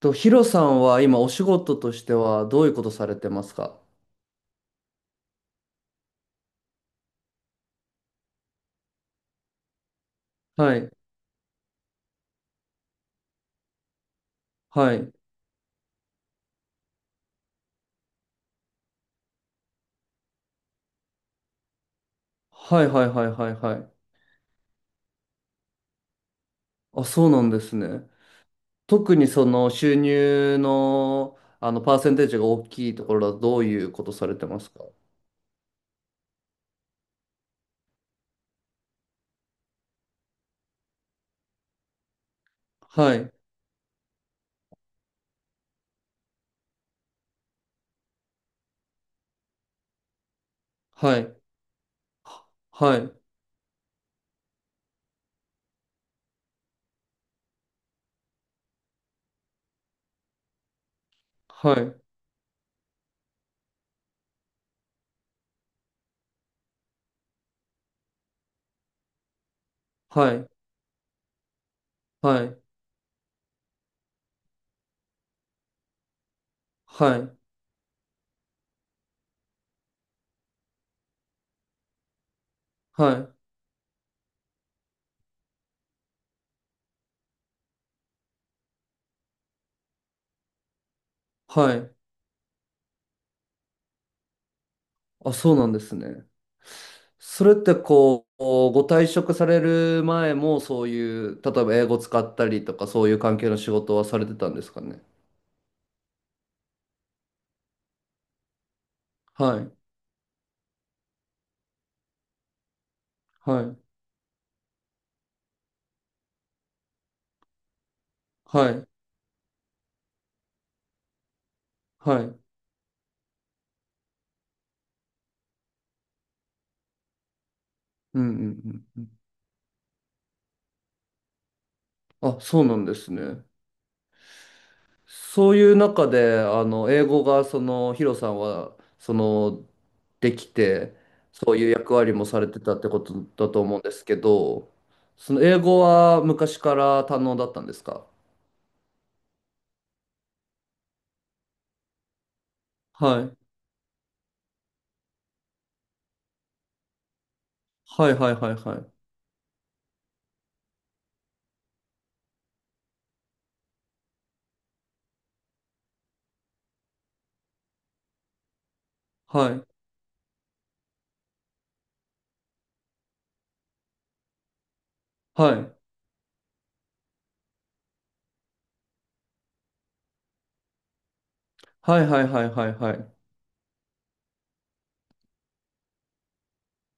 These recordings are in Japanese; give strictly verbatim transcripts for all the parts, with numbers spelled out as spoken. と、ヒロさんは今お仕事としてはどういうことされてますか？はい。はい。はいはいはいはいはい。あ、そうなんですね。特にその収入の、あのパーセンテージが大きいところはどういうことされてますか？はい。はい。はい。はい。はい。はい。はい。はい。はい。あ、そうなんですね。それってこう、ご退職される前もそういう、例えば英語使ったりとかそういう関係の仕事はされてたんですかね。はい、はい、はい、はい。うんうんうん。あ、そうなんですね。そういう中で、あの、英語がその、ヒロさんは、その、できて、そういう役割もされてたってことだと思うんですけど、その英語は昔から堪能だったんですか？はい。はいはいはいはい。はい。はい。はいはいはいはいはい。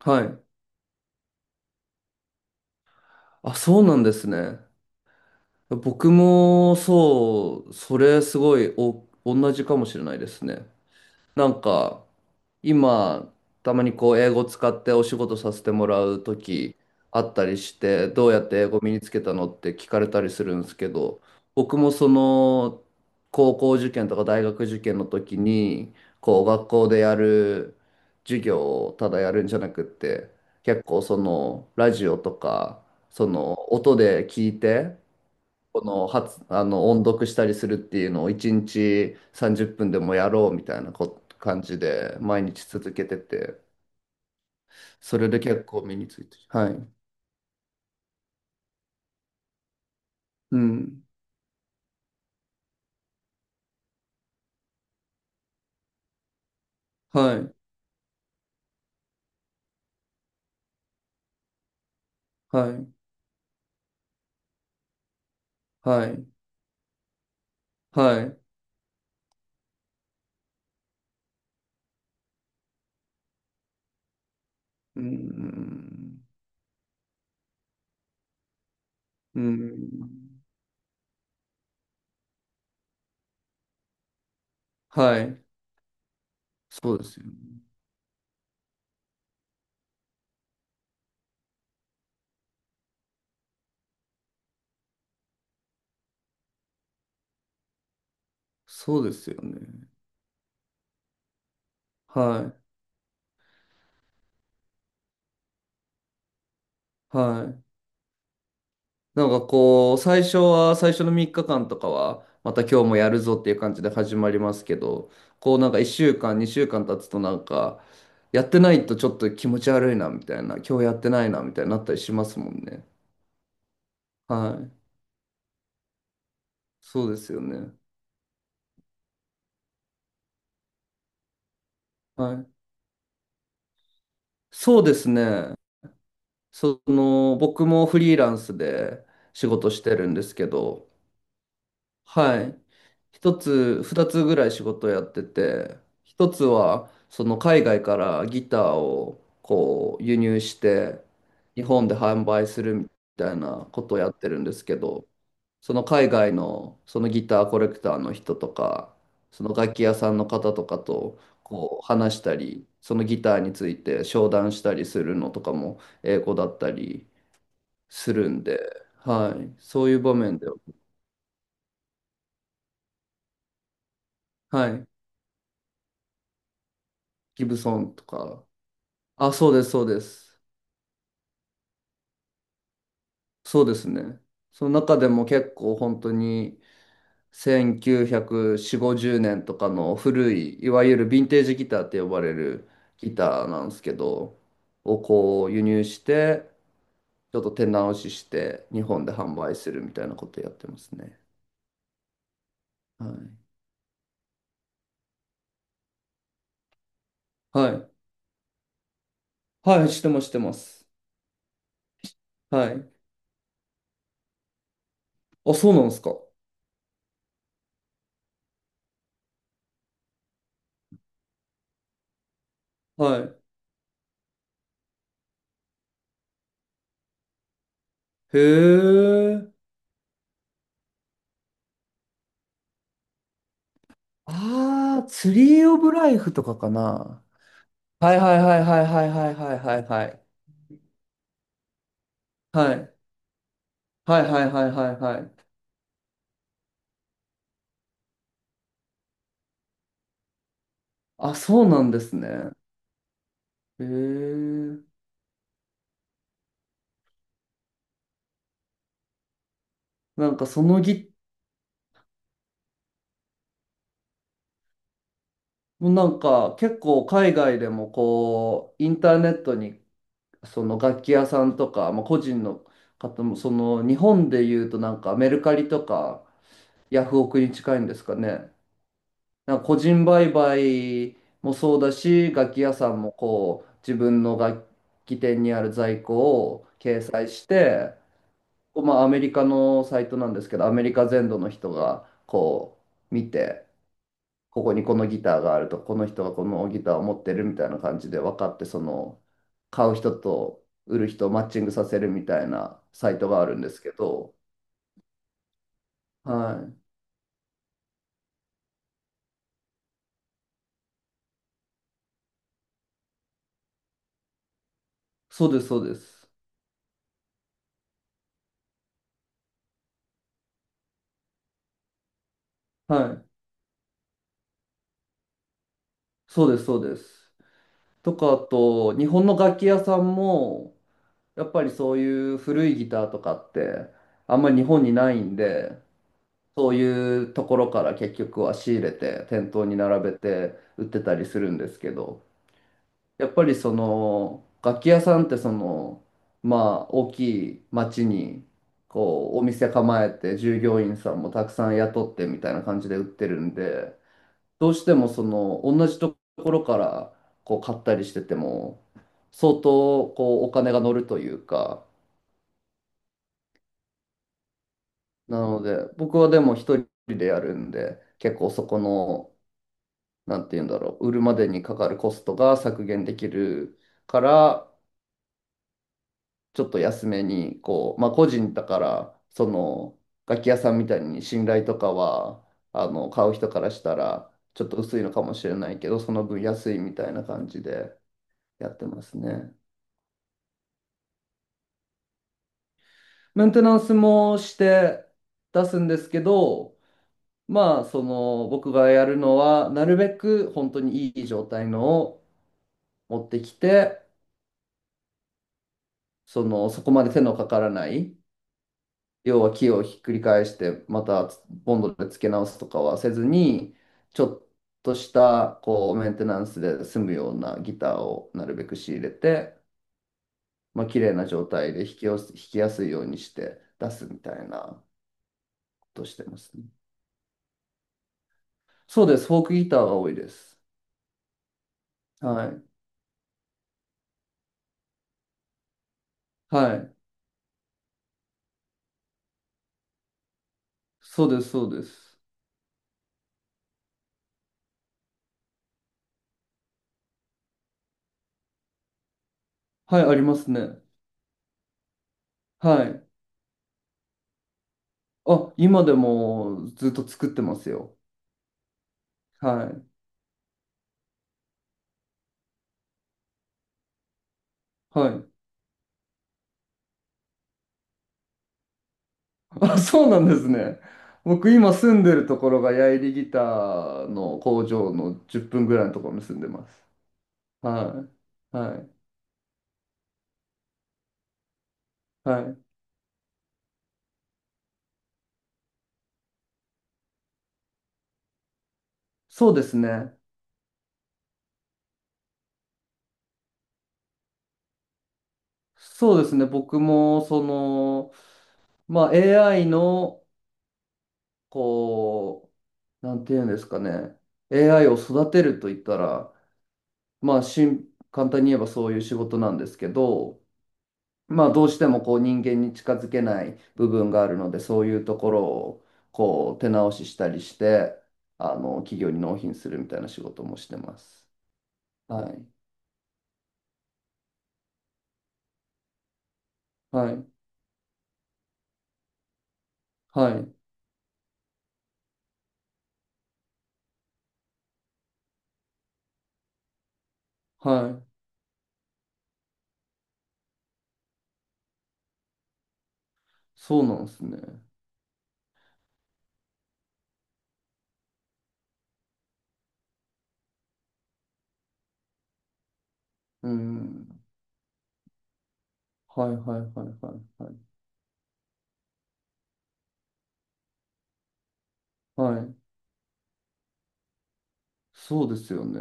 はい。あ、そうなんですね。僕もそう、それすごいお、同じかもしれないですね。なんか、今、たまにこう、英語使ってお仕事させてもらう時あったりして、どうやって英語身につけたのって聞かれたりするんですけど、僕もその、高校受験とか大学受験の時に、こう、学校でやる授業をただやるんじゃなくって、結構その、ラジオとか、その、音で聞いて、この発、あの音読したりするっていうのをいちにちさんじゅっぷんでもやろうみたいなこ感じで毎日続けてて、それで結構身について。はい。うん。はい。はい。はい。はい。うん。うん。はい。そうですよね。そうですよね。はい。はい。なんかこう、最初は、最初のみっかかんとかは、また今日もやるぞっていう感じで始まりますけど、こうなんかいっしゅうかん、にしゅうかん経つとなんか、やってないとちょっと気持ち悪いなみたいな、今日やってないなみたいになったりしますもんね。はい。そうですよね。はい。そうですね。その、僕もフリーランスで仕事してるんですけど、はい。一つ、二つぐらい仕事をやってて、一つは、その海外からギターをこう輸入して、日本で販売するみたいなことをやってるんですけど、その海外のそのギターコレクターの人とか、その楽器屋さんの方とかとこう話したり、そのギターについて商談したりするのとかも英語だったりするんで、はい。そういう場面では、はい。ギブソンとか、あ、そうです、そうです。そうですね。その中でも結構本当にせんきゅうひゃくよんじゅう、ごじゅうねんとかの古い、いわゆるヴィンテージギターって呼ばれるギターなんですけど、をこう輸入して、ちょっと手直しして日本で販売するみたいなことやってますね。はい。はい。はい、してます、してます。はい。あ、そうなんですか。はい。へえ。ああ、ツリーオブライフとかかな。はいはいはいはいはいはいはいはいはい。はいはいはいはいはいはい。あ、そうなんですね。へえ。なんかそのぎ、なんか結構海外でもこう、インターネットにその楽器屋さんとか、まあ、個人の方も、その日本で言うとなんかメルカリとかヤフオクに近いんですかね。なんか個人売買もそうだし、楽器屋さんもこう、自分の楽器店にある在庫を掲載して、まあ、アメリカのサイトなんですけど、アメリカ全土の人がこう見て、ここにこのギターがあると、この人がこのギターを持ってるみたいな感じで分かって、その買う人と売る人をマッチングさせるみたいなサイトがあるんですけど、はい。そうです、そうです。はい。そうです、そうです。とか、あと、日本の楽器屋さんも、やっぱりそういう古いギターとかって、あんまり日本にないんで、そういうところから結局は仕入れて店頭に並べて売ってたりするんですけど、やっぱりその楽器屋さんってそのまあ大きい町にこうお店構えて従業員さんもたくさん雇ってみたいな感じで売ってるんで、どうしてもその同じところからこう買ったりしてても相当こうお金が乗るというか、なので僕はでも一人でやるんで結構そこのなんて言うんだろう、売るまでにかかるコストが削減できるから、ちょっと安めに、こう、まあ個人だから、その、楽器屋さんみたいに信頼とかは、あの、買う人からしたら、ちょっと薄いのかもしれないけど、その分安いみたいな感じでやってますね。メンテナンスもして出すんですけど、まあ、その、僕がやるのは、なるべく本当にいい状態のを持ってきて、その、そこまで手のかからない、要は木をひっくり返してまたボンドで付け直すとかはせずにちょっとしたこうメンテナンスで済むようなギターをなるべく仕入れて、まあ綺麗な状態で弾きやす、弾きやすいようにして出すみたいなことしてますね。そうです。フォークギターが多いです。はい。はい。そうです、そうです。はい、ありますね。はい。あ、今でもずっと作ってますよ。はい。はい。あ、そうなんですね。僕今住んでるところがヤイリギターの工場のじゅっぷんぐらいのところに住んでます。はい。はい。はい。そうですね。そうですね。僕もその、まあ エーアイ のこう、なんていうんですかね。エーアイ を育てると言ったら、まあしん、簡単に言えばそういう仕事なんですけど、まあ、どうしてもこう人間に近づけない部分があるので、そういうところをこう手直ししたりして、あの企業に納品するみたいな仕事もしてます。はい。はい。はい。はい。そうなんですね。うん。はいはいはいはいはい。はい。そうですよね。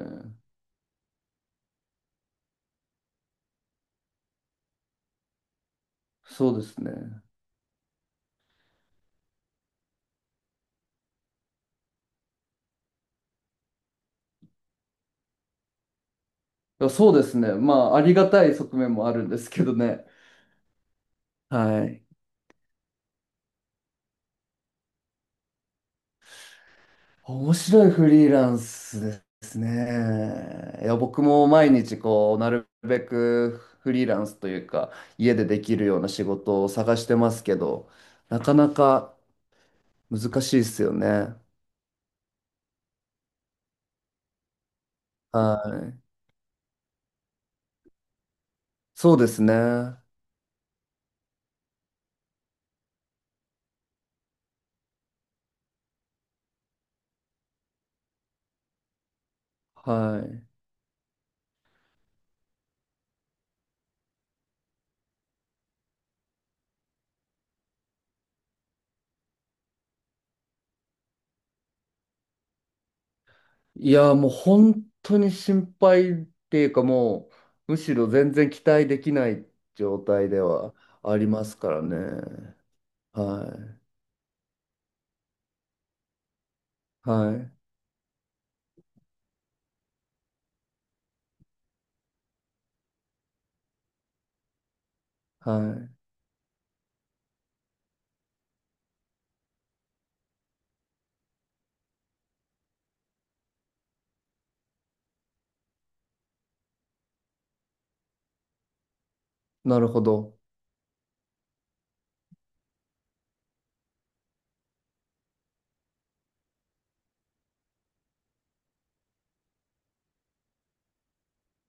そうですね。いやそうですね。まあ、ありがたい側面もあるんですけどね。はい。面白いフリーランスですね。いや、僕も毎日こう、なるべくフリーランスというか、家でできるような仕事を探してますけど、なかなか難しいですよね。はい。そうですね。はい。いや、もう本当に心配っていうか、もう、むしろ全然期待できない状態ではありますからね。はい。はい。はい。なるほど。